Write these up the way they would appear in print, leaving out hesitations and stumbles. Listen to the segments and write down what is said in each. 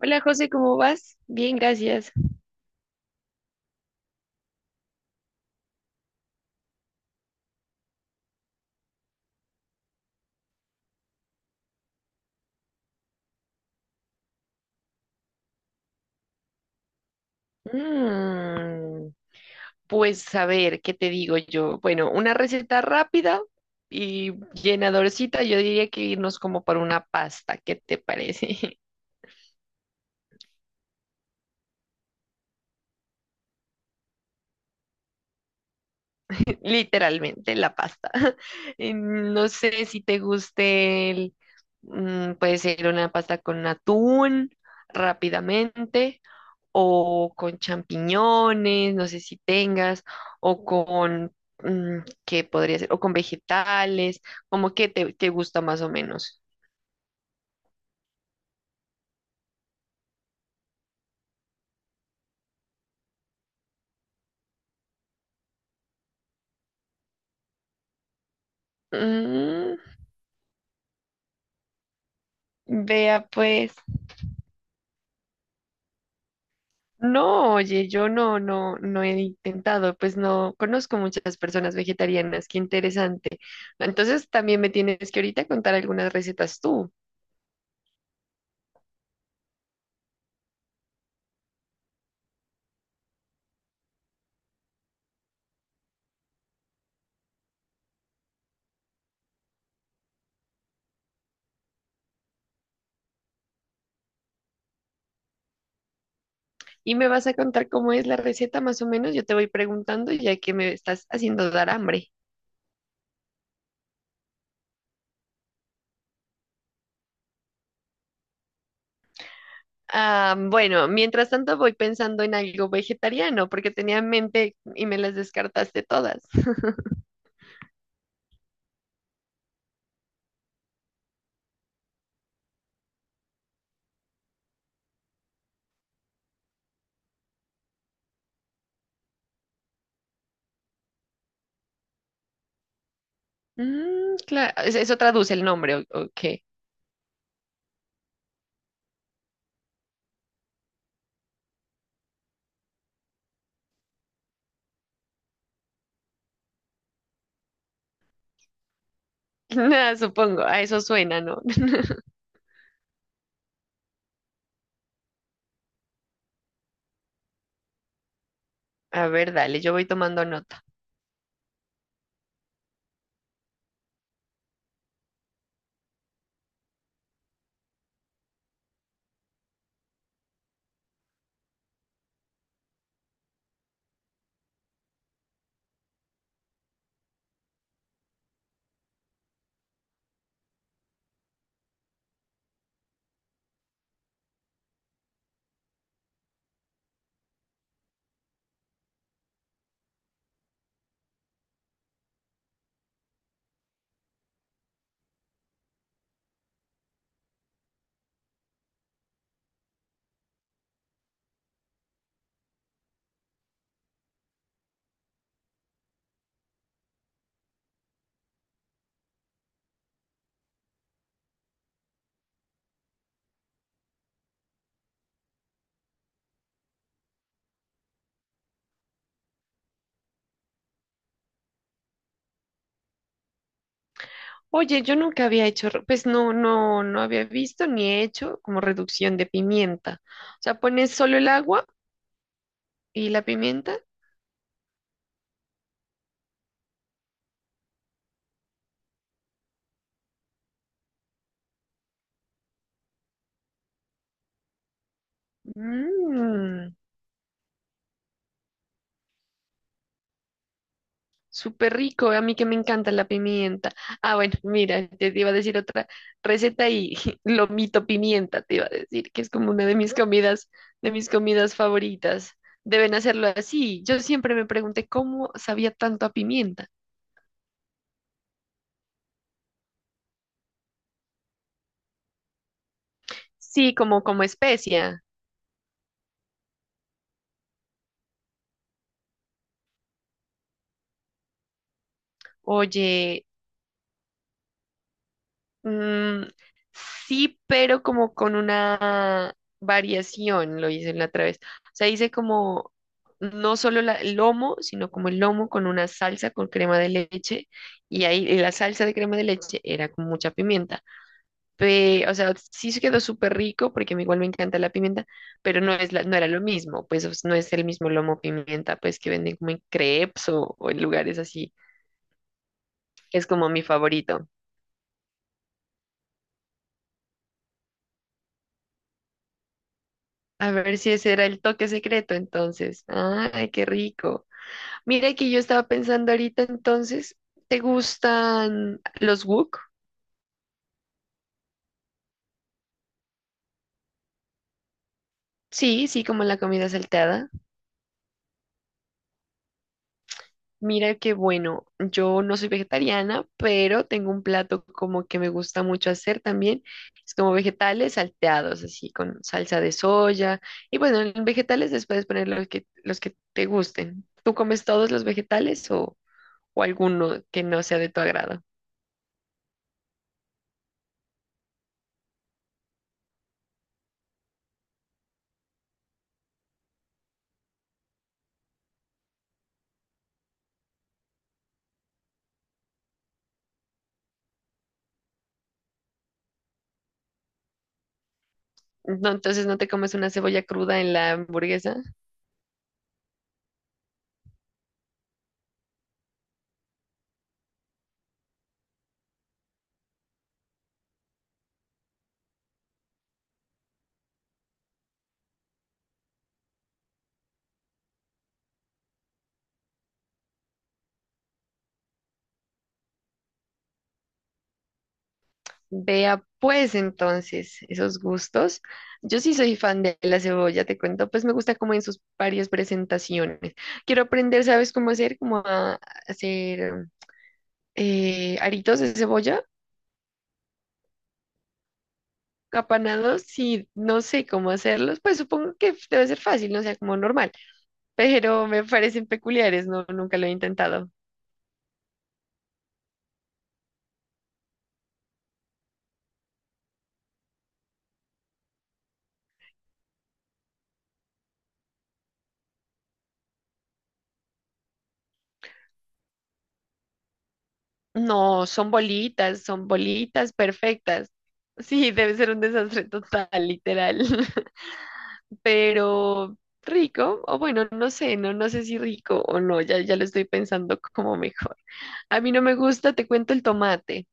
Hola José, ¿cómo vas? Bien, gracias. Mm, pues a ver, ¿qué te digo yo? Bueno, una receta rápida y llenadorcita, yo diría que irnos como por una pasta, ¿qué te parece? Literalmente la pasta. No sé si te guste puede ser una pasta con atún rápidamente o con champiñones, no sé si tengas, o con, mm, ¿qué podría ser? O con vegetales, como que te gusta más o menos. Mm, vea pues, no, oye, yo no he intentado, pues no conozco muchas personas vegetarianas, qué interesante. Entonces también me tienes que ahorita contar algunas recetas tú. Y me vas a contar cómo es la receta más o menos. Yo te voy preguntando ya que me estás haciendo dar hambre. Ah, bueno, mientras tanto voy pensando en algo vegetariano porque tenía en mente y me las descartaste todas. Mm, claro, eso traduce el nombre, o qué? Nada, supongo, a eso suena, ¿no? A ver, dale, yo voy tomando nota. Oye, yo nunca había hecho, pues no había visto ni he hecho como reducción de pimienta. O sea, pones solo el agua y la pimienta. Mm. Súper rico, a mí que me encanta la pimienta. Ah, bueno, mira, te iba a decir otra receta y lomito pimienta, te iba a decir, que es como una de mis comidas favoritas. Deben hacerlo así. Yo siempre me pregunté cómo sabía tanto a pimienta. Sí, como especia. Oye, mm, sí, pero como con una variación, lo hice la otra vez. O sea, hice como no solo el lomo, sino como el lomo con una salsa con crema de leche. Y ahí y la salsa de crema de leche era con mucha pimienta. O sea, sí se quedó súper rico porque a mí igual me encanta la pimienta, pero no es no era lo mismo. Pues o sea, no es el mismo lomo pimienta, pues que venden como en crepes o en lugares así. Es como mi favorito. A ver si ese era el toque secreto entonces. Ay, qué rico. Mira que yo estaba pensando ahorita entonces, ¿te gustan los wok? Sí, sí, como la comida salteada. Mira que bueno, yo no soy vegetariana, pero tengo un plato como que me gusta mucho hacer también. Es como vegetales salteados, así con salsa de soya. Y bueno, en vegetales les puedes poner los que te gusten. ¿Tú comes todos los vegetales o alguno que no sea de tu agrado? No, entonces no te comes una cebolla cruda en la hamburguesa. Vea pues entonces esos gustos. Yo sí soy fan de la cebolla, te cuento, pues me gusta como en sus varias presentaciones. Quiero aprender, ¿sabes cómo hacer? Como a hacer aritos de cebolla, capanados, y no sé cómo hacerlos, pues supongo que debe ser fácil, no sea como normal, pero me parecen peculiares, no, nunca lo he intentado. No, son bolitas perfectas. Sí, debe ser un desastre total, literal. Pero rico, o bueno, no sé, no, no sé si rico o no, ya, ya lo estoy pensando como mejor. A mí no me gusta, te cuento el tomate,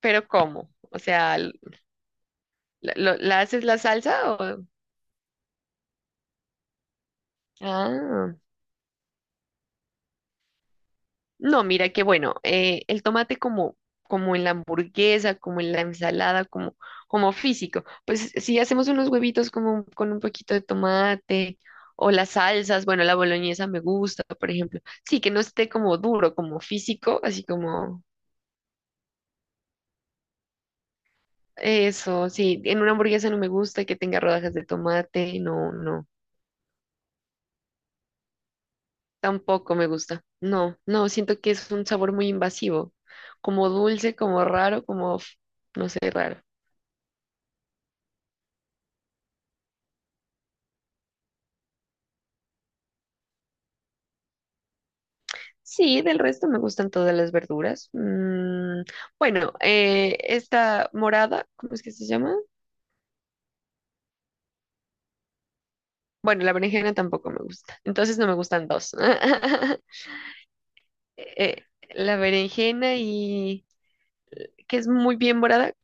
pero ¿cómo? O sea, ¿la, la haces la salsa o...? Ah. No, mira que bueno, el tomate como, como en la hamburguesa, como en la ensalada, como, como físico. Pues si hacemos unos huevitos como con un poquito de tomate o las salsas, bueno, la boloñesa me gusta, por ejemplo. Sí, que no esté como duro, como físico, así como eso, sí, en una hamburguesa no me gusta que tenga rodajas de tomate, no, no, tampoco me gusta. No, no, siento que es un sabor muy invasivo, como dulce, como raro, como, no sé, raro. Sí, del resto me gustan todas las verduras. Mm, bueno, esta morada, ¿cómo es que se llama? Bueno, la berenjena tampoco me gusta. Entonces no me gustan dos. Eh, la berenjena y que es muy bien morada,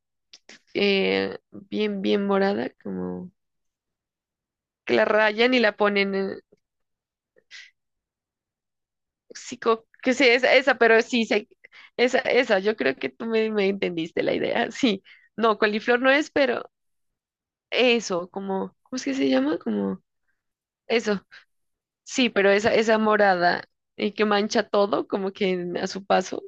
bien, bien morada, como que la rayan y la ponen, sí, que sé, pero sí, yo creo que tú me entendiste la idea, sí. No, coliflor no es, pero eso, como, ¿cómo es que se llama? Como... Eso, sí, pero esa morada que mancha todo, como que a su paso.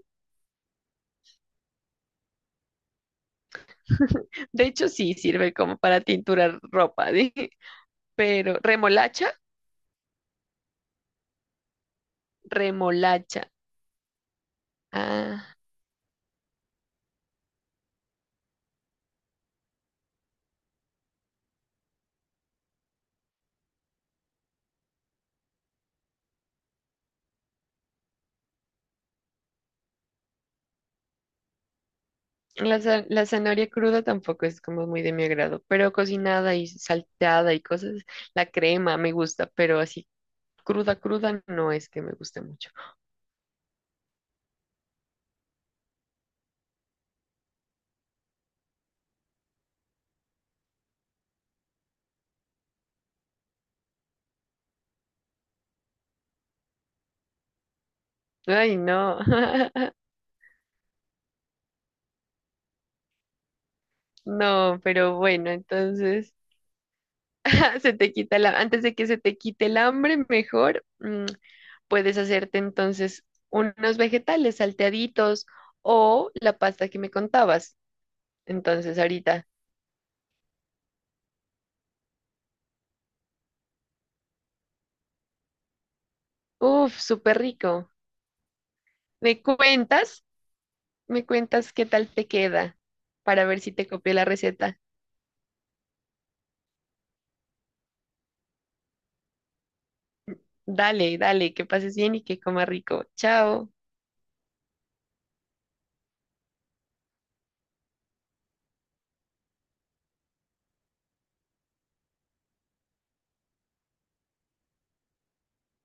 De hecho, sí sirve como para tinturar ropa, dije. Pero, ¿remolacha? Remolacha. Ah, la, la zanahoria cruda tampoco es como muy de mi agrado, pero cocinada y salteada y cosas, la crema me gusta, pero así cruda, cruda no es que me guste mucho. Ay, no. No, pero bueno, entonces. Se te quita la, antes de que se te quite el hambre, mejor mm, puedes hacerte entonces unos vegetales salteaditos o la pasta que me contabas. Entonces ahorita, uff, súper rico. ¿Me cuentas? ¿Me cuentas qué tal te queda para ver si te copié la receta? Dale, dale, que pases bien y que comas rico. Chao.